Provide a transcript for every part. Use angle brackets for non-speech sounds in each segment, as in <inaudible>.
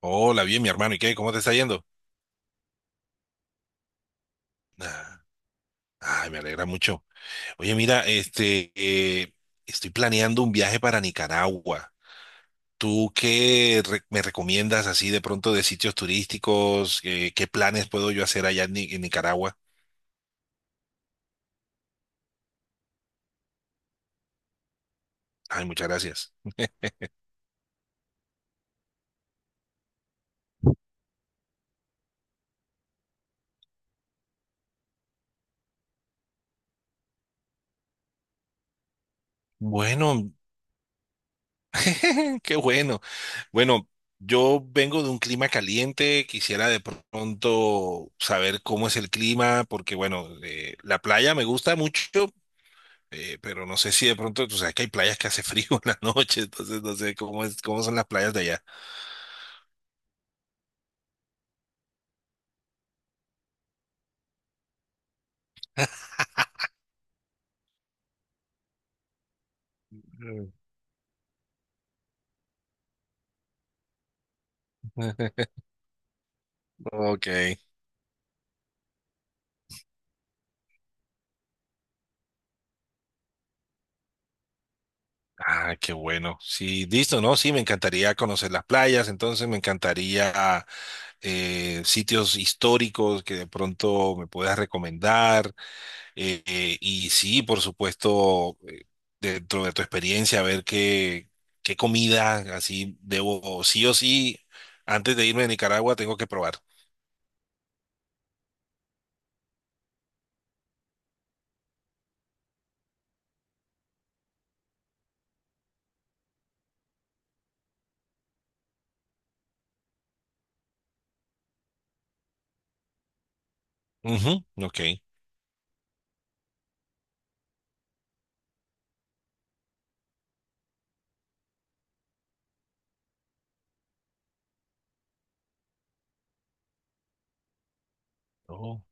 Hola, bien, mi hermano. ¿Y qué? ¿Cómo te está yendo? Ah, ay, me alegra mucho. Oye, mira, este, estoy planeando un viaje para Nicaragua. ¿Tú qué me recomiendas así de pronto de sitios turísticos? ¿qué planes puedo yo hacer allá en, en Nicaragua? Ay, muchas gracias. Bueno, <laughs> qué bueno. Bueno, yo vengo de un clima caliente, quisiera de pronto saber cómo es el clima, porque bueno, la playa me gusta mucho. Pero no sé si de pronto, tú sabes que hay playas que hace <laughs> frío en la noche, entonces no sé cómo es, cómo son las playas de allá. Mm. <laughs> Ok. Ah, qué bueno. Sí, listo, ¿no? Sí, me encantaría conocer las playas, entonces me encantaría sitios históricos que de pronto me puedas recomendar. Y sí, por supuesto, dentro de tu experiencia, ver qué, qué comida así debo, sí o sí, antes de irme a Nicaragua, tengo que probar. Ujú, ok. Oh,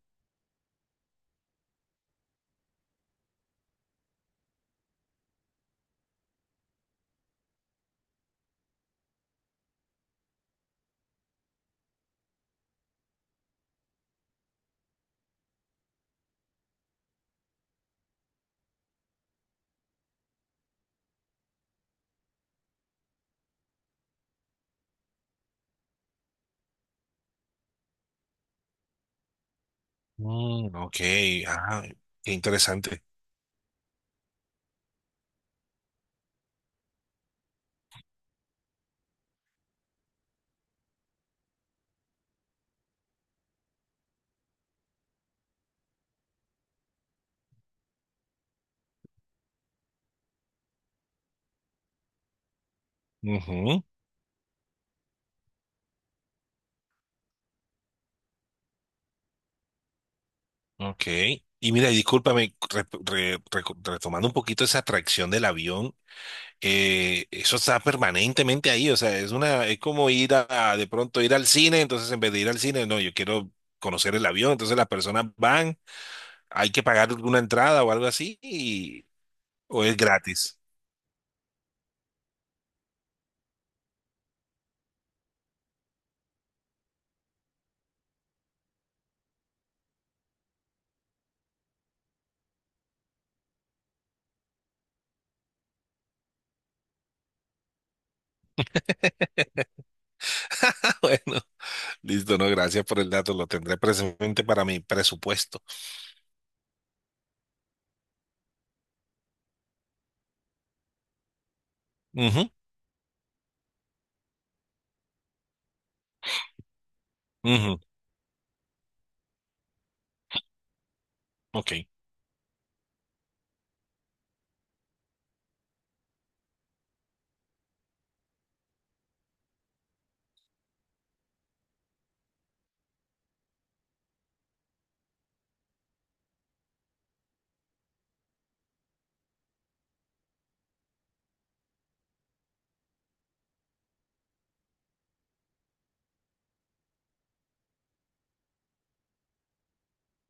mm, ok, ah, qué interesante. Ujú, ok. Y mira, y discúlpame, retomando un poquito esa atracción del avión, eso está permanentemente ahí, o sea, es una, es como ir a de pronto ir al cine, entonces en vez de ir al cine, no, yo quiero conocer el avión, entonces las personas van, hay que pagar alguna entrada o algo así, o es gratis. <laughs> Bueno, listo, no, gracias por el dato, lo tendré presente para mi presupuesto. Ujú, ujú, ok.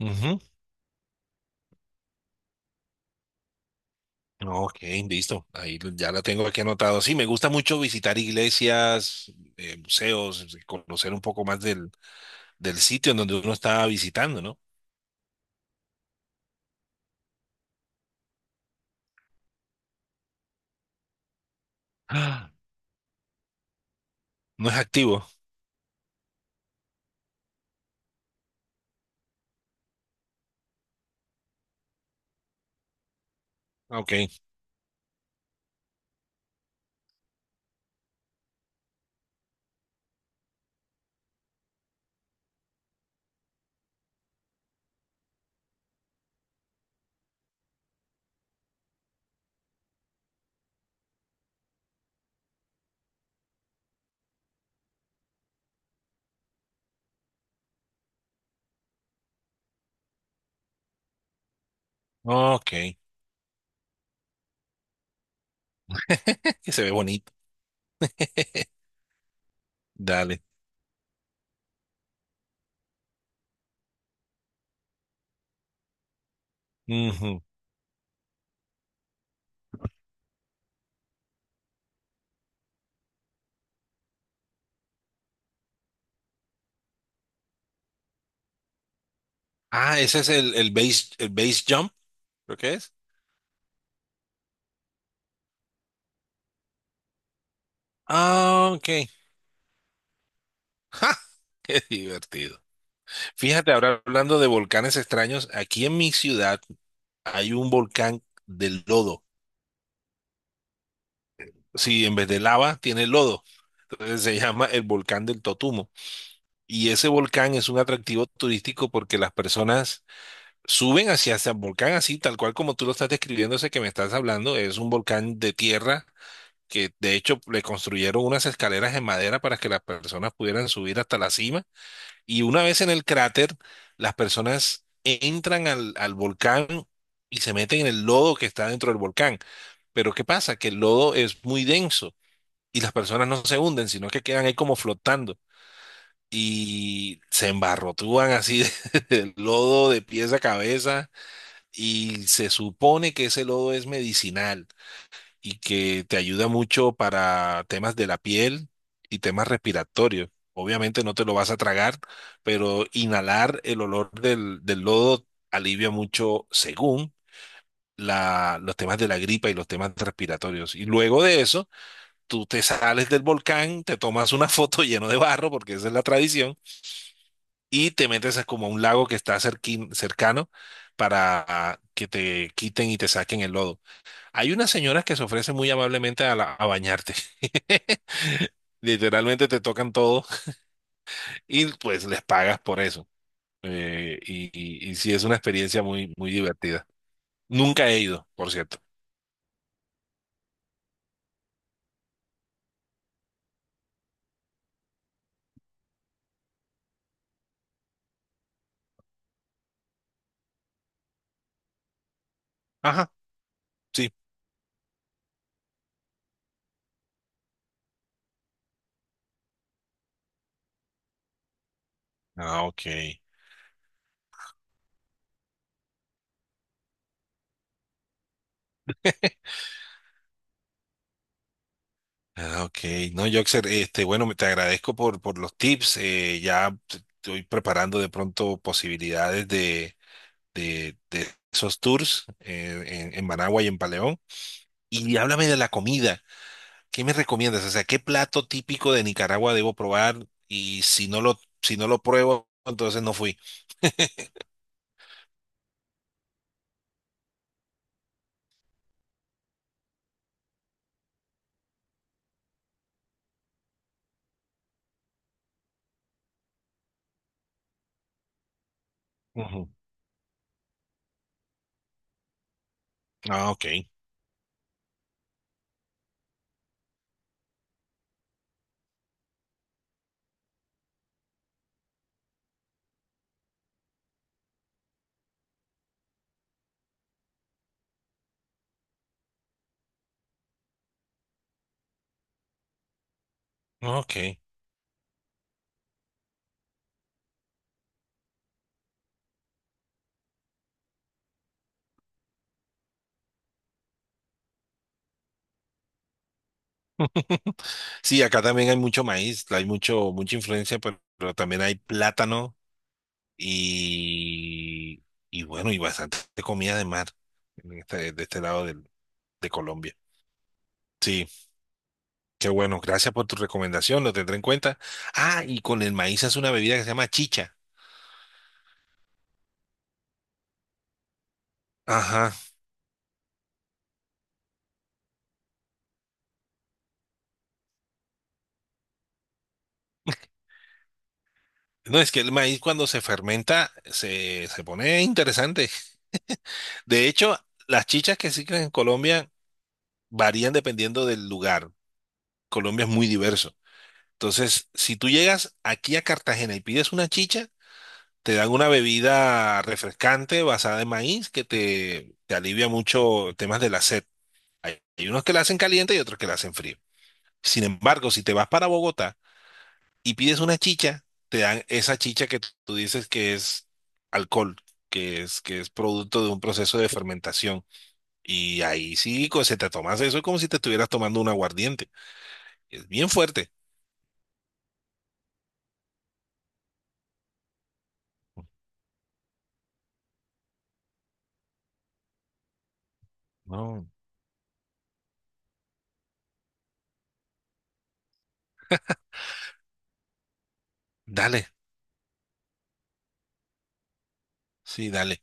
Ujú. Ok, listo. Ahí ya la tengo aquí anotado. Sí, me gusta mucho visitar iglesias, museos, conocer un poco más del, del sitio en donde uno está visitando, ¿no? Ah, no es activo. Ok, ok. <laughs> Que se ve bonito. <laughs> Dale. Ujú. Ah, ese es el base jump, ¿lo que es? Ah, ok. <laughs> ¡Ja! Qué divertido. Fíjate, ahora hablando de volcanes extraños, aquí en mi ciudad hay un volcán de lodo. Sí, en vez de lava tiene lodo. Entonces se llama el volcán del Totumo. Y ese volcán es un atractivo turístico porque las personas suben hacia ese volcán así, tal cual como tú lo estás describiendo, ese que me estás hablando. Es un volcán de tierra que de hecho le construyeron unas escaleras en madera para que las personas pudieran subir hasta la cima. Y una vez en el cráter, las personas entran al, al volcán y se meten en el lodo que está dentro del volcán. Pero ¿qué pasa? Que el lodo es muy denso y las personas no se hunden, sino que quedan ahí como flotando. Y se embarrotúan así <laughs> del lodo de pies a cabeza y se supone que ese lodo es medicinal y que te ayuda mucho para temas de la piel y temas respiratorios. Obviamente no te lo vas a tragar, pero inhalar el olor del, del lodo alivia mucho según la, los temas de la gripa y los temas respiratorios. Y luego de eso tú te sales del volcán, te tomas una <laughs> foto lleno de barro, porque esa es la tradición, y te metes a como a un lago que está cercano para que te quiten y te saquen el lodo. Hay unas señoras que se ofrecen muy amablemente a, a bañarte. <laughs> Literalmente te tocan todo y pues les pagas por eso. Y sí, es una experiencia muy, muy divertida. Nunca he ido, por cierto. Ajá, sí. Ah, ok. Ah, ok. No, Joxer, este, bueno, te agradezco por los tips. Ya estoy preparando de pronto posibilidades de esos tours en Managua y en Paleón. Y háblame de la comida. ¿Qué me recomiendas? O sea, ¿qué plato típico de Nicaragua debo probar? Y si no lo, si no lo pruebo, entonces no fui. Ujú. Ah, ok. Ah, ok. Sí, acá también hay mucho maíz, hay mucho, mucha influencia, pero también hay plátano. Y, y bueno, y bastante comida de mar en de este lado de Colombia. Sí, qué bueno. Gracias por tu recomendación, lo tendré en cuenta. Ah, y con el maíz hace una bebida que se llama chicha. Ajá. No, es que el maíz cuando se fermenta se, se pone interesante. De hecho, las chichas que existen en Colombia varían dependiendo del lugar. Colombia es muy diverso. Entonces, si tú llegas aquí a Cartagena y pides una chicha, te dan una bebida refrescante basada en maíz que te alivia mucho temas de la sed. Hay unos que la hacen caliente y otros que la hacen frío. Sin embargo, si te vas para Bogotá y pides una chicha, te dan esa chicha que tú dices que es alcohol, que es producto de un proceso de fermentación. Y ahí sí, se te tomas eso como si te estuvieras tomando un aguardiente. Es bien fuerte. No. Dale, sí, dale.